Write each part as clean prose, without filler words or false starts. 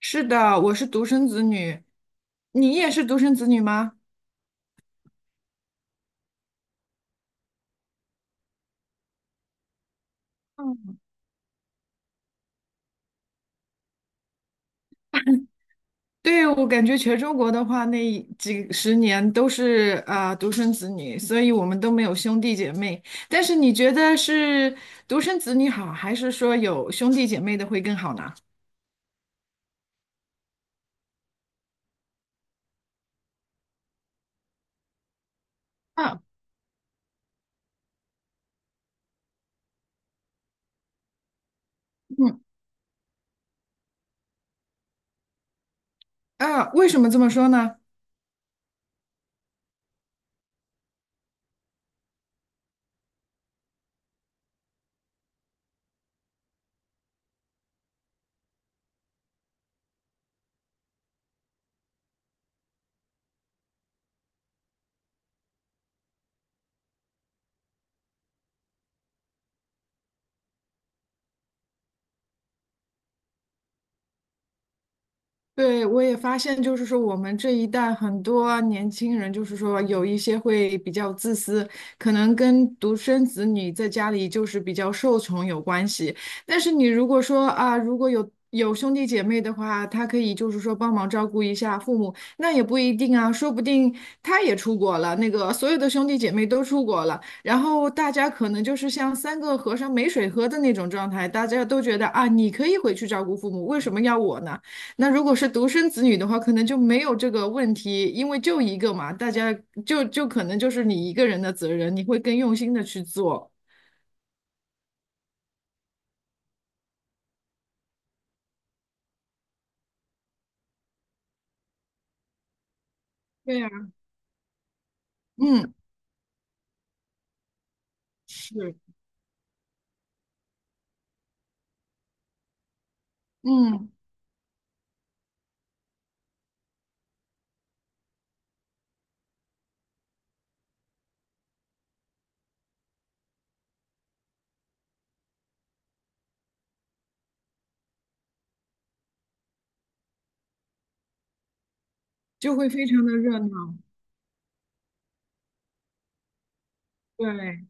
是的，我是独生子女，你也是独生子女吗？嗯，对，我感觉全中国的话，那几十年都是啊、独生子女，所以我们都没有兄弟姐妹。但是你觉得是独生子女好，还是说有兄弟姐妹的会更好呢？啊，嗯，啊，为什么这么说呢？对，我也发现，就是说我们这一代很多年轻人，就是说有一些会比较自私，可能跟独生子女在家里就是比较受宠有关系。但是你如果说啊，如果有兄弟姐妹的话，他可以就是说帮忙照顾一下父母，那也不一定啊，说不定他也出国了，那个所有的兄弟姐妹都出国了，然后大家可能就是像三个和尚没水喝的那种状态，大家都觉得啊，你可以回去照顾父母，为什么要我呢？那如果是独生子女的话，可能就没有这个问题，因为就一个嘛，大家就可能就是你一个人的责任，你会更用心的去做。对呀，嗯，是，嗯，就会非常的热闹。对，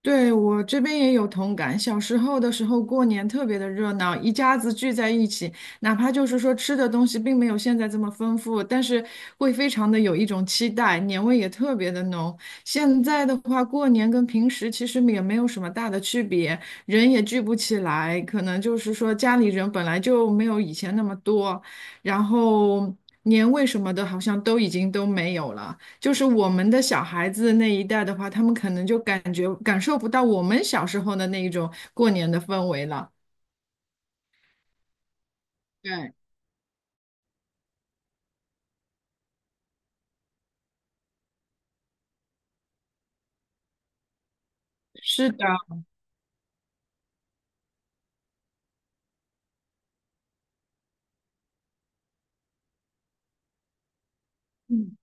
对，我这边也有同感。小时候的时候，过年特别的热闹，一家子聚在一起，哪怕就是说吃的东西并没有现在这么丰富，但是会非常的有一种期待，年味也特别的浓。现在的话，过年跟平时其实也没有什么大的区别，人也聚不起来，可能就是说家里人本来就没有以前那么多，然后年味什么的，好像都已经都没有了。就是我们的小孩子那一代的话，他们可能就感觉感受不到我们小时候的那一种过年的氛围了。对，是的，嗯。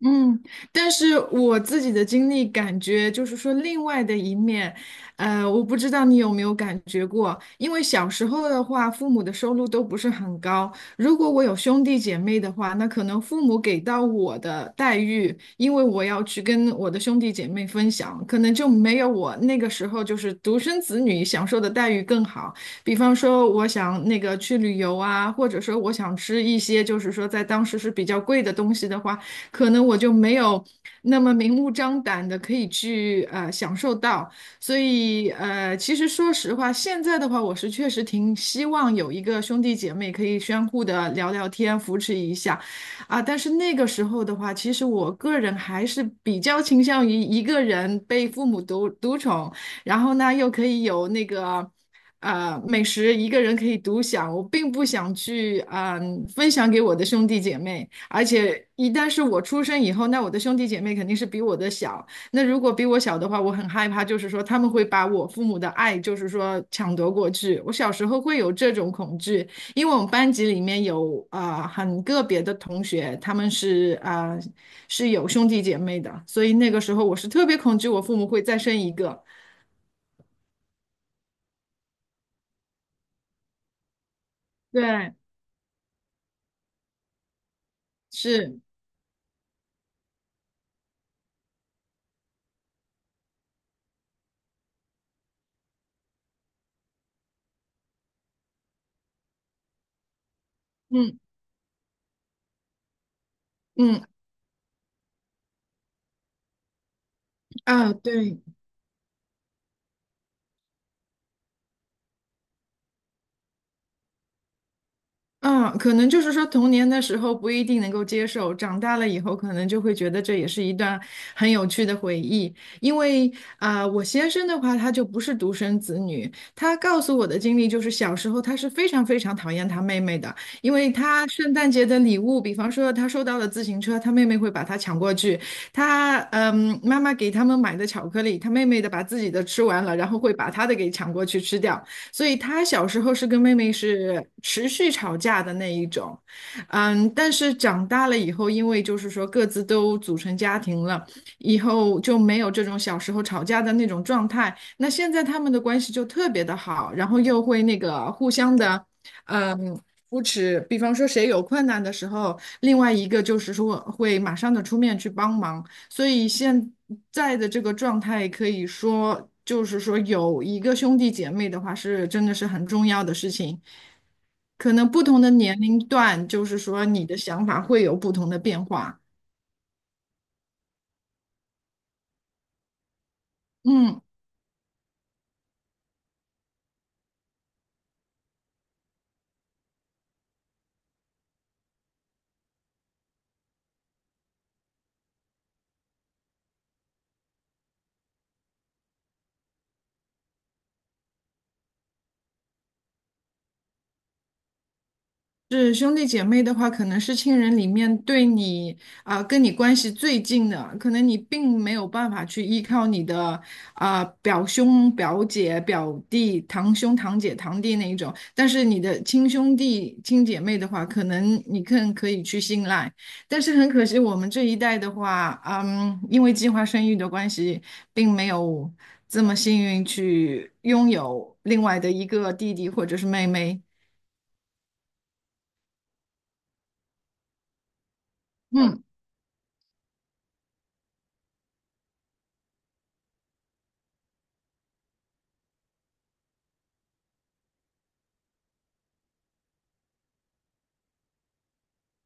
嗯，但是我自己的经历感觉就是说，另外的一面，我不知道你有没有感觉过，因为小时候的话，父母的收入都不是很高。如果我有兄弟姐妹的话，那可能父母给到我的待遇，因为我要去跟我的兄弟姐妹分享，可能就没有我那个时候就是独生子女享受的待遇更好。比方说，我想那个去旅游啊，或者说我想吃一些就是说在当时是比较贵的东西的话。可能我就没有那么明目张胆的可以去享受到。所以其实说实话，现在的话，我是确实挺希望有一个兄弟姐妹可以相互的聊聊天，扶持一下啊。但是那个时候的话，其实我个人还是比较倾向于一个人被父母独宠，然后呢又可以有那个。美食一个人可以独享，我并不想去分享给我的兄弟姐妹。而且一旦是我出生以后，那我的兄弟姐妹肯定是比我的小。那如果比我小的话，我很害怕，就是说他们会把我父母的爱，就是说抢夺过去。我小时候会有这种恐惧，因为我们班级里面有啊、很个别的同学，他们是啊、是有兄弟姐妹的，所以那个时候我是特别恐惧我父母会再生一个。对，是，嗯嗯啊，对。嗯，可能就是说童年的时候不一定能够接受，长大了以后可能就会觉得这也是一段很有趣的回忆。因为啊、我先生的话他就不是独生子女，他告诉我的经历就是小时候他是非常非常讨厌他妹妹的，因为他圣诞节的礼物，比方说他收到了自行车，他妹妹会把他抢过去，他妈妈给他们买的巧克力，他妹妹的把自己的吃完了，然后会把他的给抢过去吃掉。所以他小时候是跟妹妹是持续吵架的那一种，嗯，但是长大了以后，因为就是说各自都组成家庭了，以后就没有这种小时候吵架的那种状态。那现在他们的关系就特别的好，然后又会那个互相的，嗯。扶持，比方说谁有困难的时候，另外一个就是说会马上的出面去帮忙，所以现在的这个状态，可以说就是说有一个兄弟姐妹的话，是真的是很重要的事情。可能不同的年龄段，就是说你的想法会有不同的变化。嗯。是兄弟姐妹的话，可能是亲人里面对你啊、跟你关系最近的，可能你并没有办法去依靠你的啊、表兄、表姐、表弟、堂兄、堂姐、堂弟那一种，但是你的亲兄弟、亲姐妹的话，可能你更可以去信赖。但是很可惜，我们这一代的话，嗯，因为计划生育的关系，并没有这么幸运去拥有另外的一个弟弟或者是妹妹。嗯。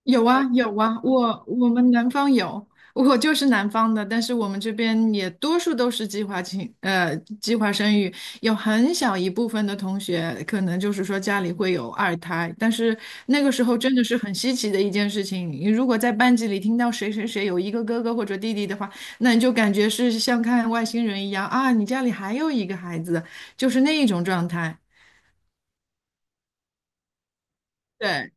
有啊有啊，我们南方有，我就是南方的，但是我们这边也多数都是呃计划生育，有很小一部分的同学可能就是说家里会有二胎，但是那个时候真的是很稀奇的一件事情。你如果在班级里听到谁谁谁有一个哥哥或者弟弟的话，那你就感觉是像看外星人一样啊，你家里还有一个孩子，就是那一种状态。对，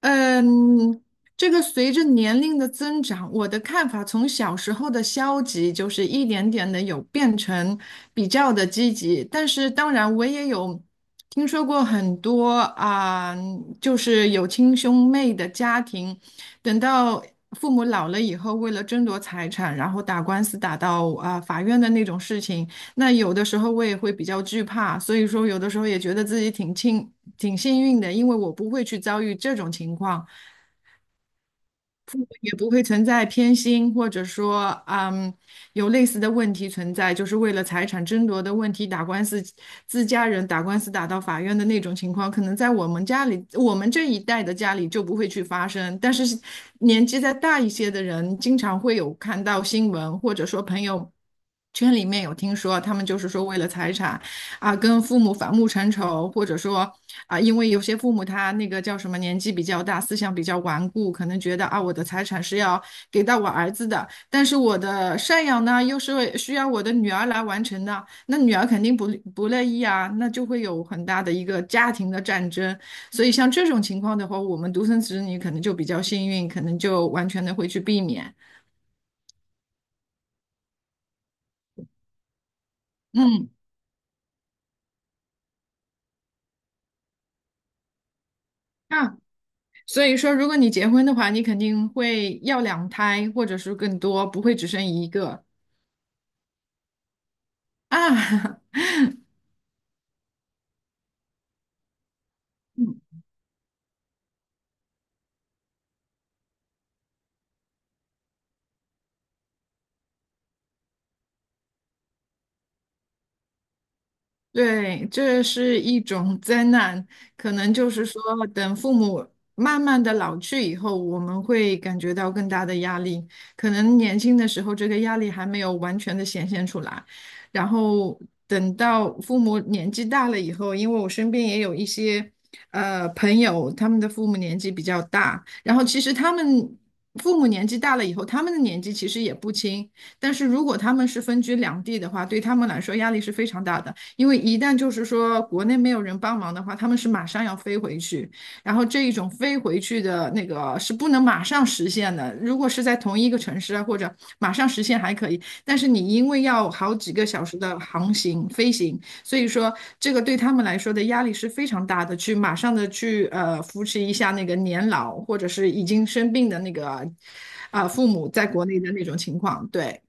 嗯，这个随着年龄的增长，我的看法从小时候的消极，就是一点点的有变成比较的积极。但是当然，我也有听说过很多啊、就是有亲兄妹的家庭，等到父母老了以后，为了争夺财产，然后打官司打到啊、法院的那种事情。那有的时候我也会比较惧怕，所以说有的时候也觉得自己挺庆。挺幸运的，因为我不会去遭遇这种情况，也不会存在偏心，或者说，嗯，有类似的问题存在，就是为了财产争夺的问题打官司，自家人打官司打到法院的那种情况，可能在我们家里，我们这一代的家里就不会去发生。但是年纪再大一些的人，经常会有看到新闻，或者说朋友。圈里面有听说，他们就是说为了财产啊，跟父母反目成仇，或者说啊，因为有些父母他那个叫什么年纪比较大，思想比较顽固，可能觉得啊，我的财产是要给到我儿子的，但是我的赡养呢，又是为需要我的女儿来完成的，那女儿肯定不乐意啊，那就会有很大的一个家庭的战争。所以像这种情况的话，我们独生子女可能就比较幸运，可能就完全的会去避免。嗯，那所以说，如果你结婚的话，你肯定会要两胎，或者是更多，不会只生一个啊。嗯对，这是一种灾难，可能就是说，等父母慢慢的老去以后，我们会感觉到更大的压力。可能年轻的时候，这个压力还没有完全的显现出来，然后等到父母年纪大了以后，因为我身边也有一些朋友，他们的父母年纪比较大，然后其实他们父母年纪大了以后，他们的年纪其实也不轻，但是如果他们是分居两地的话，对他们来说压力是非常大的。因为一旦就是说国内没有人帮忙的话，他们是马上要飞回去，然后这一种飞回去的那个是不能马上实现的。如果是在同一个城市啊，或者马上实现还可以，但是你因为要好几个小时的航行飞行，所以说这个对他们来说的压力是非常大的。去马上的去扶持一下那个年老或者是已经生病的那个啊、父母在国内的那种情况，对，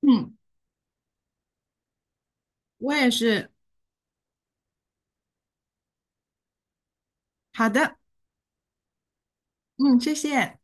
嗯，我也是，好的，嗯，谢谢。